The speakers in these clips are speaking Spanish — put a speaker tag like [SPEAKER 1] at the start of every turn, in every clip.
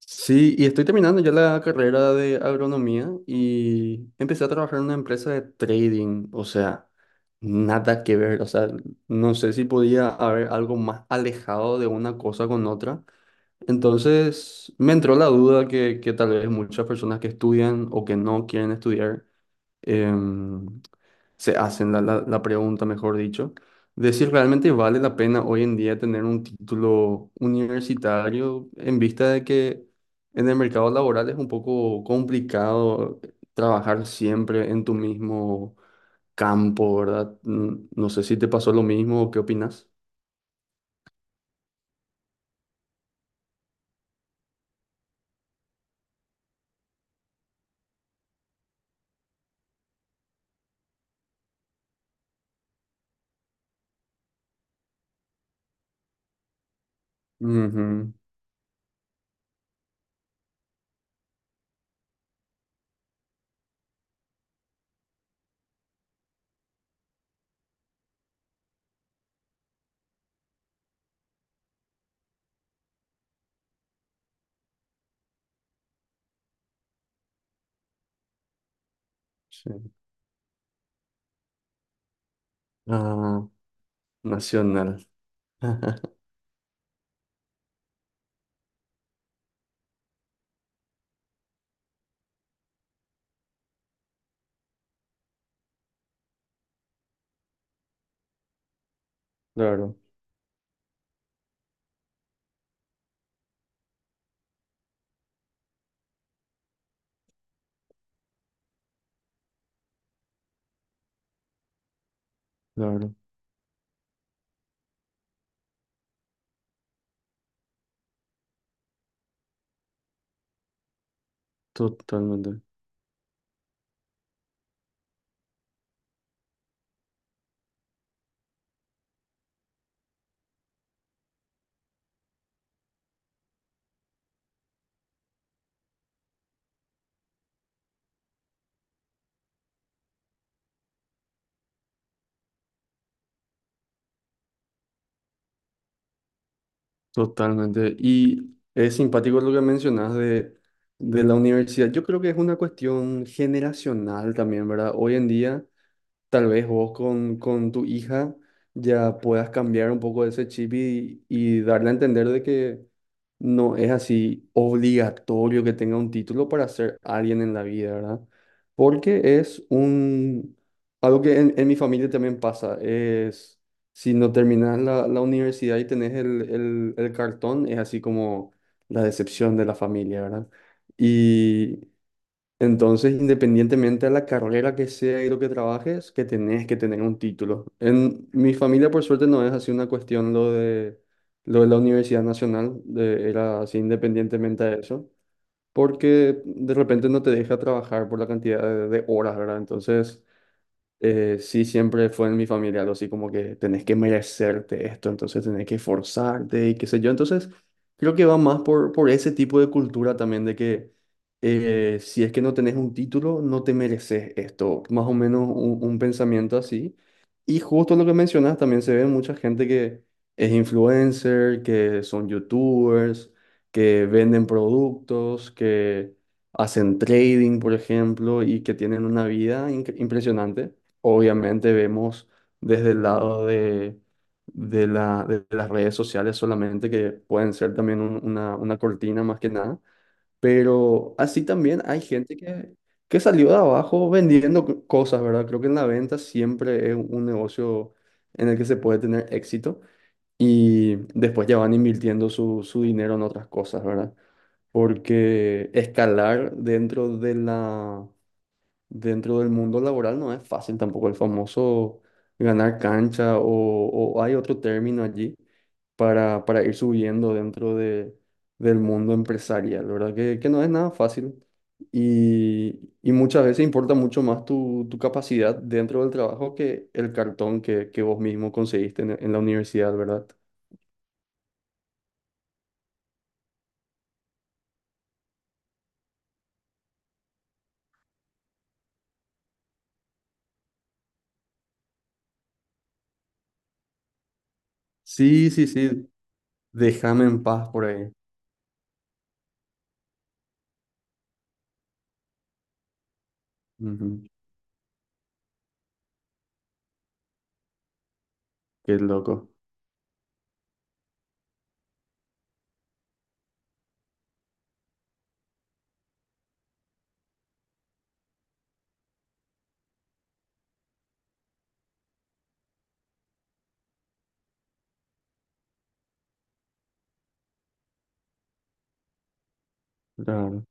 [SPEAKER 1] Sí, y estoy terminando ya la carrera de agronomía y empecé a trabajar en una empresa de trading, o sea, nada que ver, o sea, no sé si podía haber algo más alejado de una cosa con otra. Entonces me entró la duda que tal vez muchas personas que estudian o que no quieren estudiar em, se hacen la pregunta, mejor dicho, de si realmente vale la pena hoy en día tener un título universitario en vista de que en el mercado laboral es un poco complicado trabajar siempre en tu mismo campo, ¿verdad? No sé si te pasó lo mismo o qué opinas. Ujú, sí. Ah, nacional. Claro, claro, totalmente. Totalmente. Y es simpático lo que mencionas de la universidad. Yo creo que es una cuestión generacional también, ¿verdad? Hoy en día tal vez vos con tu hija ya puedas cambiar un poco ese chip y darle a entender de que no es así obligatorio que tenga un título para ser alguien en la vida, ¿verdad? Porque es un... Algo que en mi familia también pasa, es si no terminas la universidad y tenés el cartón, es así como la decepción de la familia, ¿verdad? Y entonces, independientemente de la carrera que sea y lo que trabajes, que tenés que tener un título. En mi familia, por suerte, no es así una cuestión lo de la Universidad Nacional, era así independientemente de eso, porque de repente no te deja trabajar por la cantidad de horas, ¿verdad? Entonces, sí, siempre fue en mi familia algo así como que tenés que merecerte esto, entonces tenés que esforzarte y qué sé yo. Entonces, creo que va más por ese tipo de cultura también de que si es que no tenés un título, no te mereces esto. Más o menos un pensamiento así. Y justo lo que mencionas, también se ve mucha gente que es influencer, que son youtubers, que venden productos, que hacen trading, por ejemplo, y que tienen una vida impresionante. Obviamente vemos desde el lado de, de las redes sociales solamente que pueden ser también una cortina más que nada, pero así también hay gente que salió de abajo vendiendo cosas, ¿verdad? Creo que en la venta siempre es un negocio en el que se puede tener éxito y después ya van invirtiendo su, su dinero en otras cosas, ¿verdad? Porque escalar dentro de la dentro del mundo laboral no es fácil tampoco el famoso ganar cancha o hay otro término allí para ir subiendo dentro de, del mundo empresarial, ¿verdad? Que no es nada fácil y muchas veces importa mucho más tu, tu capacidad dentro del trabajo que el cartón que vos mismo conseguiste en la universidad, ¿verdad? Sí, sí, sí, déjame en paz por ahí. Ujú. Qué loco. Claro,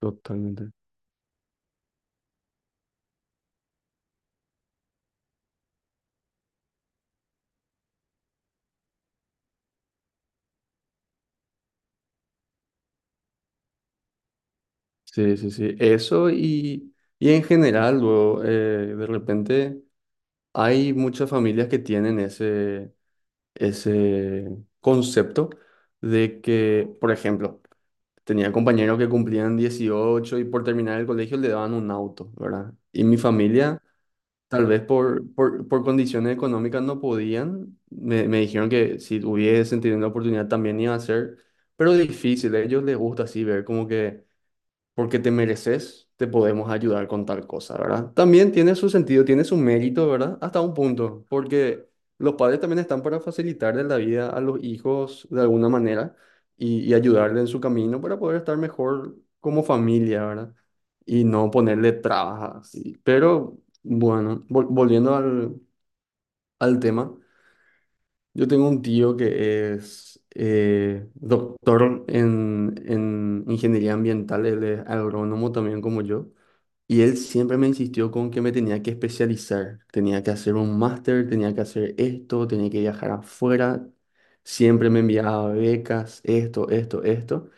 [SPEAKER 1] totalmente. Sí, sí, sí. Eso y en general, luego, de repente hay muchas familias que tienen ese, ese concepto de que, por ejemplo, tenía compañeros que cumplían 18 y por terminar el colegio le daban un auto, ¿verdad? Y mi familia, tal vez por condiciones económicas no podían, me dijeron que si hubiesen tenido la oportunidad también iba a ser, pero difícil, a ellos les gusta así ver como que porque te mereces, te podemos ayudar con tal cosa, ¿verdad? También tiene su sentido, tiene su mérito, ¿verdad? Hasta un punto, porque los padres también están para facilitarle la vida a los hijos de alguna manera y ayudarle en su camino para poder estar mejor como familia, ¿verdad? Y no ponerle trabas así. Pero bueno, volviendo al, al tema, yo tengo un tío que es... doctor en ingeniería ambiental, él es agrónomo también como yo. Y él siempre me insistió con que me tenía que especializar, tenía que hacer un máster, tenía que hacer esto, tenía que viajar afuera. Siempre me enviaba becas, esto,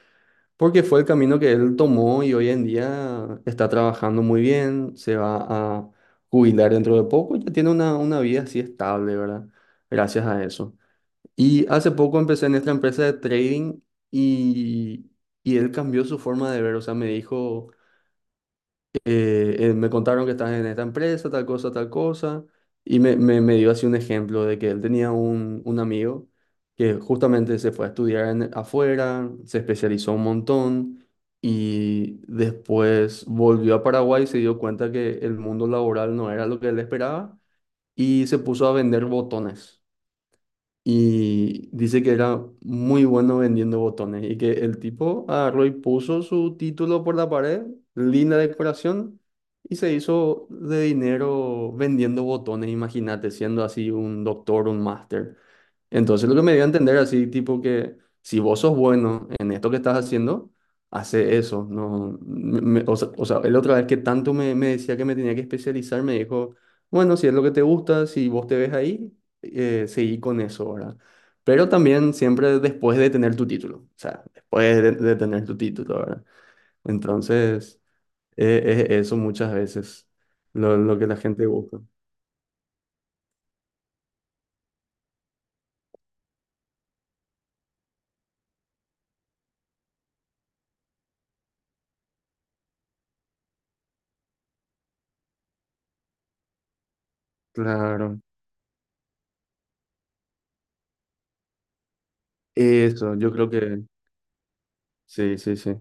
[SPEAKER 1] porque fue el camino que él tomó y hoy en día está trabajando muy bien, se va a jubilar dentro de poco, ya tiene una vida así estable, ¿verdad? Gracias a eso. Y hace poco empecé en esta empresa de trading y, y él cambió su forma de ver, o sea, me dijo me contaron que estás en esta empresa, tal cosa, y me dio así un ejemplo de que él tenía un amigo que justamente se fue a estudiar afuera, se especializó un montón y después volvió a Paraguay y se dio cuenta que el mundo laboral no era lo que él esperaba y se puso a vender botones. Y dice que era muy bueno vendiendo botones y que el tipo agarró y puso su título por la pared, linda decoración, y se hizo de dinero vendiendo botones, imagínate, siendo así un doctor, un máster. Entonces lo que me dio a entender así, tipo que si vos sos bueno en esto que estás haciendo, hace eso. No, o sea, él otra vez que tanto me, me decía que me tenía que especializar, me dijo, bueno, si es lo que te gusta, si vos te ves ahí seguí con eso, ¿verdad? Pero también siempre después de tener tu título, o sea, después de tener tu título, ¿verdad? Entonces, es eso muchas veces, lo que la gente busca. Claro, eso, yo creo que sí, sí, sí.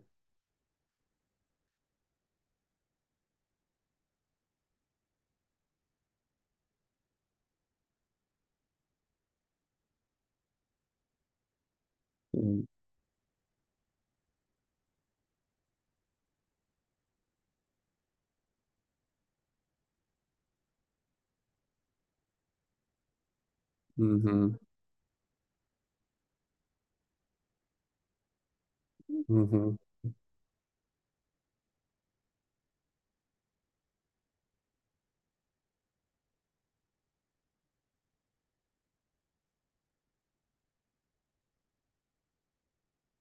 [SPEAKER 1] Mm, ujú, ujú.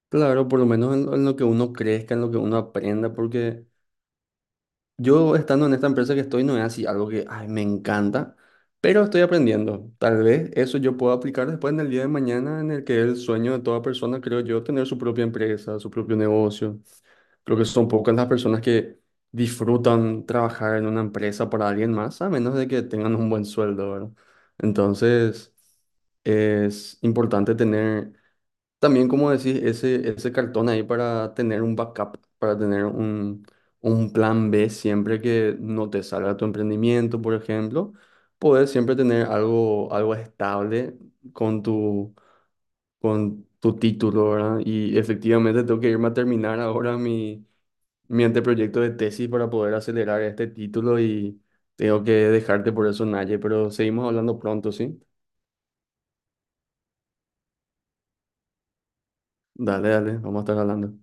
[SPEAKER 1] Claro, por lo menos en lo que uno crezca, en lo que uno aprenda, porque yo estando en esta empresa que estoy no es así algo que ay, me encanta, pero estoy aprendiendo. Tal vez eso yo pueda aplicar después en el día de mañana, en el que es el sueño de toda persona, creo yo, tener su propia empresa, su propio negocio. Creo que son pocas las personas que disfrutan trabajar en una empresa para alguien más, a menos de que tengan un buen sueldo, ¿verdad? Entonces, es importante tener también, como decís, ese cartón ahí para tener un backup, para tener un plan B siempre que no te salga tu emprendimiento, por ejemplo, poder siempre tener algo, algo estable con tu, con tu título, ¿verdad? Y efectivamente tengo que irme a terminar ahora mi, mi anteproyecto de tesis para poder acelerar este título y tengo que dejarte por eso, Naye, pero seguimos hablando pronto, ¿sí? Dale, dale, vamos a estar hablando.